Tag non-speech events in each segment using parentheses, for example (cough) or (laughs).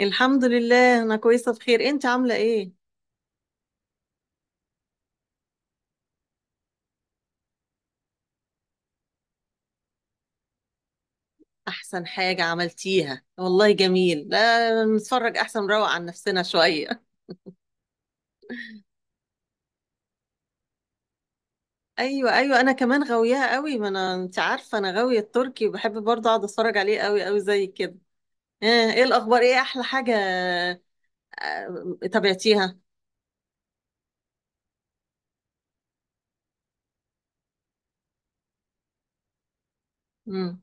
الحمد لله، أنا كويسة بخير. أنت عاملة إيه؟ أحسن حاجة عملتيها والله. جميل، لا نتفرج أحسن نروق عن نفسنا شوية. (laughs) أيوة أيوة، أنا كمان غاويها قوي. ما أنا أنت عارفة أنا غاوية التركي، وبحب برضه أقعد أتفرج عليه قوي قوي زي كده. إيه الأخبار؟ إيه أحلى حاجة؟ تابعتيها؟ مم.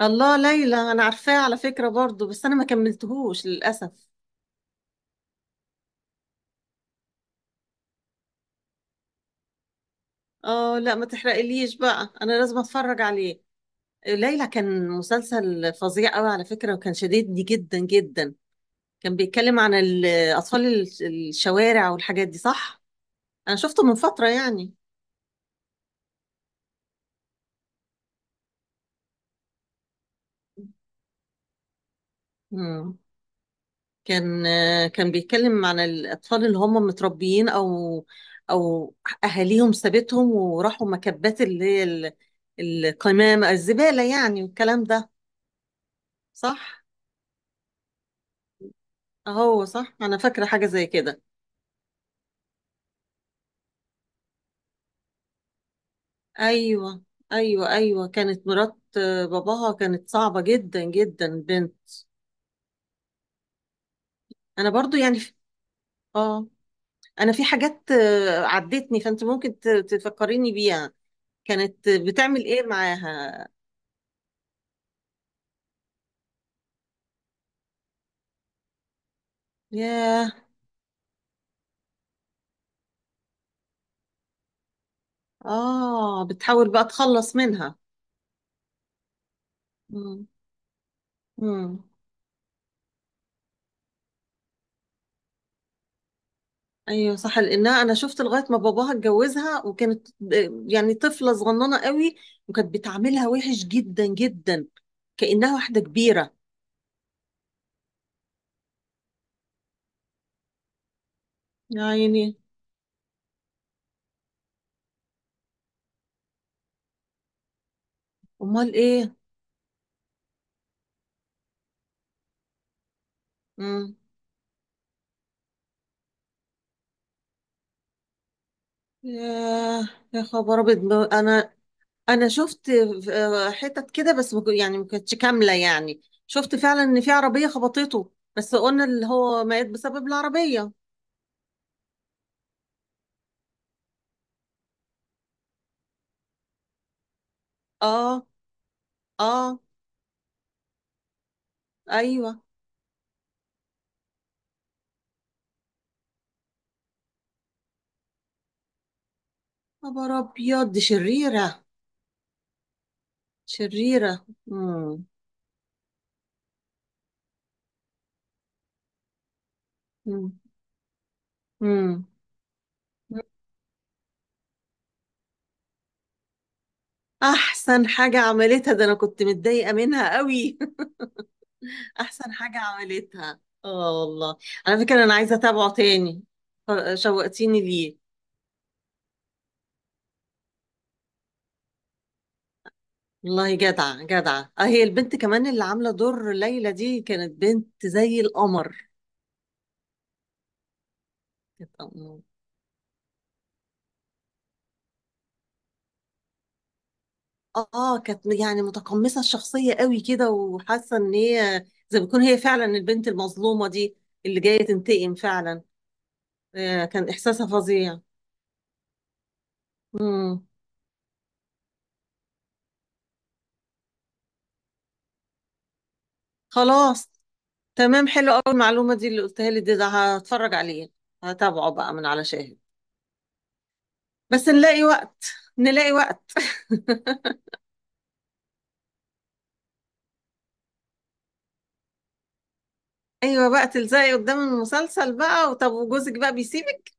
الله، ليلى أنا عارفاه على فكرة برضه، بس أنا ما كملتهوش للأسف. آه لا، ما تحرقليش بقى، أنا لازم أتفرج عليه. ليلى كان مسلسل فظيع قوي على فكرة، وكان شديدني جدا جدا. كان بيتكلم عن أطفال الشوارع والحاجات دي، صح؟ أنا شفته من فترة يعني. مم. كان كان بيتكلم عن الأطفال اللي هم متربيين، أو أهاليهم سابتهم وراحوا مكبات اللي هي القمامة الزبالة يعني، والكلام ده. صح؟ أهو صح، أنا فاكرة حاجة زي كده. ايوه ايوه ايوه، كانت مرات باباها كانت صعبه جدا جدا، بنت. انا برضو يعني. اه. انا في حاجات عدتني، فانت ممكن تفكريني بيها. كانت بتعمل ايه معاها؟ ياه. اه، بتحاول بقى تخلص منها. مم. مم. ايوه صح، لانها انا شفت لغايه ما باباها اتجوزها، وكانت يعني طفله صغننه قوي، وكانت بتعاملها وحش جدا جدا كانها واحده كبيره. يا عيني. امال ايه؟ مم. ياه يا خبر ابيض. ما انا شفت حتت كده، بس ما يعني ما كانتش كامله. يعني شفت فعلا ان في عربيه خبطته، بس قلنا اللي هو مات بسبب العربيه. اه. اه. ايوه. خبر ابيض، دي شريره شريره. مم. مم. مم. احسن حاجه عملتها، ده انا كنت متضايقه منها قوي. (laughs) احسن حاجه عملتها، اه والله. على فكره انا عايزه اتابعه تاني، شوقتيني ليه. والله جدعة جدعة. اه، هي البنت كمان اللي عاملة دور ليلى دي كانت بنت زي القمر. كانت اه آه، كانت يعني متقمصة الشخصية قوي كده، وحاسة ان هي زي ما بتكون هي فعلا البنت المظلومة دي، اللي جاية تنتقم فعلا. كان احساسها فظيع. امم. خلاص، تمام، حلو قوي المعلومة دي اللي قلتها لي دي. ده هتفرج عليه، هتابعه بقى من على شاهد. بس نلاقي وقت، نلاقي وقت. (laughs) ايوه بقى، تلزقي قدام المسلسل بقى. وطب وجوزك بقى بيسيبك؟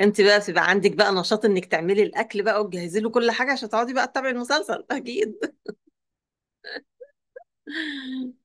انت بقى بيبقى عندك بقى نشاط انك تعملي الاكل بقى وتجهزي له كل حاجه عشان تقعدي بقى تتابعي المسلسل، اكيد. (laughs)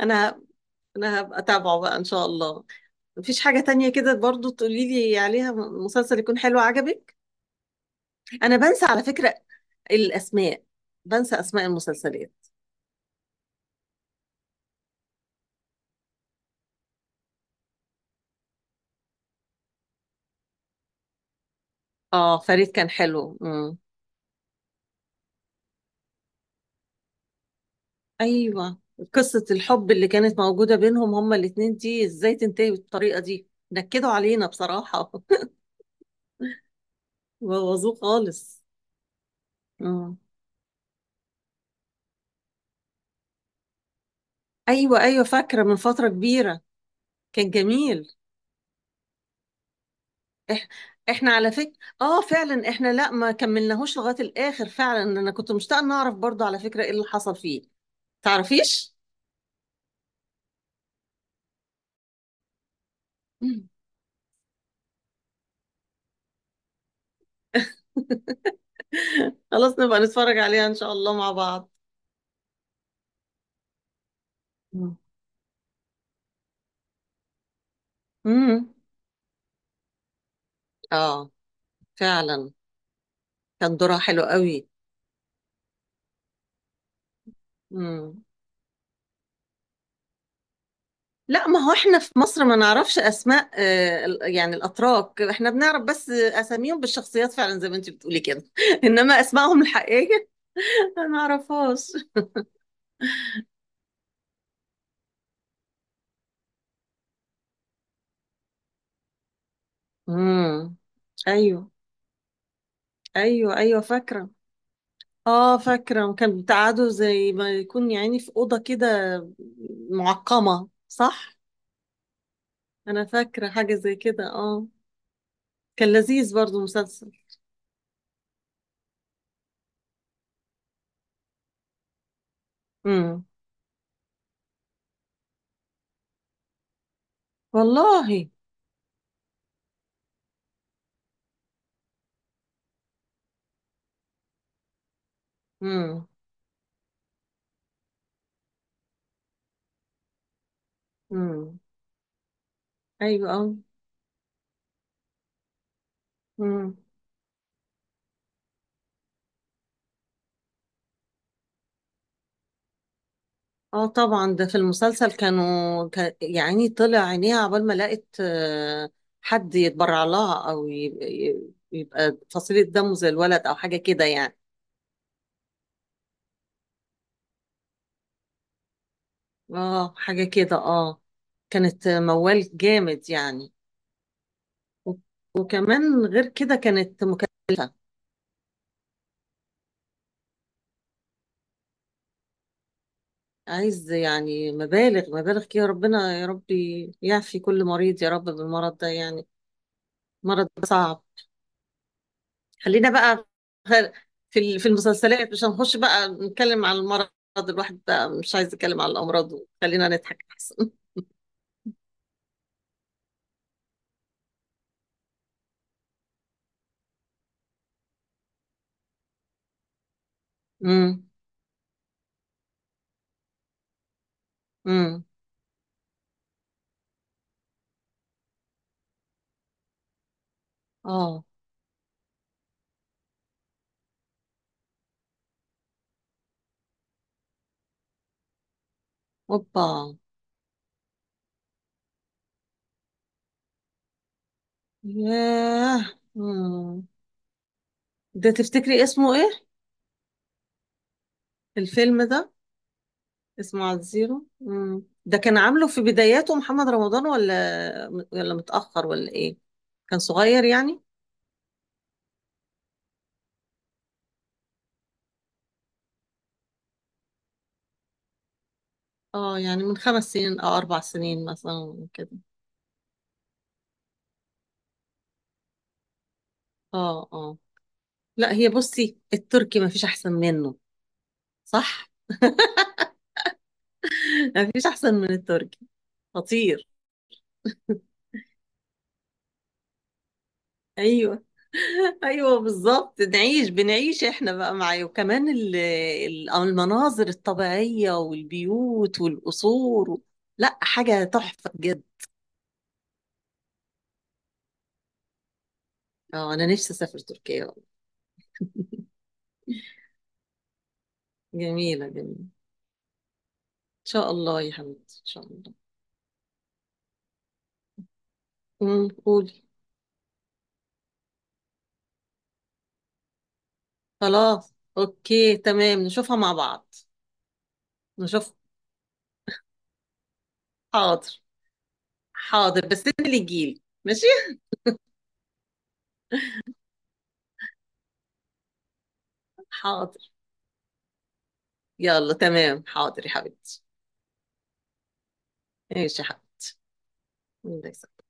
انا ه- انا هبقى اتابعه بقى ان شاء الله. مفيش حاجه تانية كده برضو تقولي لي عليها؟ مسلسل يكون حلو عجبك. انا بنسى على فكره الاسماء، بنسى اسماء المسلسلات. اه، فريد كان حلو. امم. ايوه، قصه الحب اللي كانت موجوده بينهم هما الاتنين دي، ازاي تنتهي بالطريقه دي؟ نكدوا علينا بصراحه. (laughs) بوظوه خالص. ايوه ايوه، فاكره من فتره كبيره. كان جميل. إح... احنا على فكره. اه فعلا احنا لا، ما كملناهوش لغايه الاخر فعلا، انا كنت مشتاقه ان اعرف برضو على فكره ايه اللي حصل فيه. تعرفيش؟ مم. خلاص، نبقى نتفرج عليها ان شاء الله مع بعض. مم. امم. اه فعلا، كان دورها حلو قوي. امم. لا ما هو احنا في مصر ما نعرفش اسماء يعني الاتراك. احنا بنعرف بس اساميهم بالشخصيات فعلا زي ما انت بتقولي كده. (laughs) انما اسمائهم الحقيقيه (laughs) ما نعرفهاش. امم. ايوه ايوه ايوه، فاكره. اه فاكره، وكان بتقعدوا زي ما يكون يعني في اوضه كده، معقمه، صح؟ انا فاكره حاجه زي كده. اه، كان لذيذ برضو مسلسل. امم. والله. امم. امم. ايوه. اه. امم. اه طبعا، ده في المسلسل كان يعني طلع عينيها عقبال ما لقت حد يتبرع لها، او يبقى, فصيله دمه زي الولد او حاجه كده يعني. اه حاجة كده. اه، كانت موال جامد يعني. و- وكمان غير كده كانت مكلفة. عايز يعني مبالغ مبالغ كده. ربنا يا ربي يعفي كل مريض يا رب بالمرض ده يعني. مرض صعب. خلينا بقى. غير- في في المسلسلات، مش هنخش بقى نتكلم عن المرض. الواحد بقى مش عايز يتكلم عن الأمراض، خلينا نضحك أحسن. (laughs) امم. امم. اه. اوبا. ياه. مم. ده تفتكري اسمه ايه؟ الفيلم ده. اسمه على الزيرو. مم. ده كان عامله في بداياته محمد رمضان، ولا متأخر، ولا ايه؟ كان صغير يعني. اه يعني من 5 سنين او 4 سنين مثلا كده. اه. اه. لا، هي بصي التركي ما فيش احسن منه. صح. (laughs) ما فيش احسن من التركي، خطير. ايوه. (laughs) ايوه بالظبط، بنعيش احنا بقى معاه، وكمان المناظر الطبيعية والبيوت والقصور. لا، حاجة تحفة جدا. اه انا نفسي اسافر تركيا والله. جميله جميله ان شاء الله يا حبيبتي، ان شاء الله. امم. قولي. خلاص، اوكي، تمام، نشوفها مع بعض. نشوف. حاضر حاضر، بس انت اللي تجيلي ماشي. حاضر، يلا، تمام، حاضر يا حبيبتي. ماشي يا حبيبتي. الله يسلمك.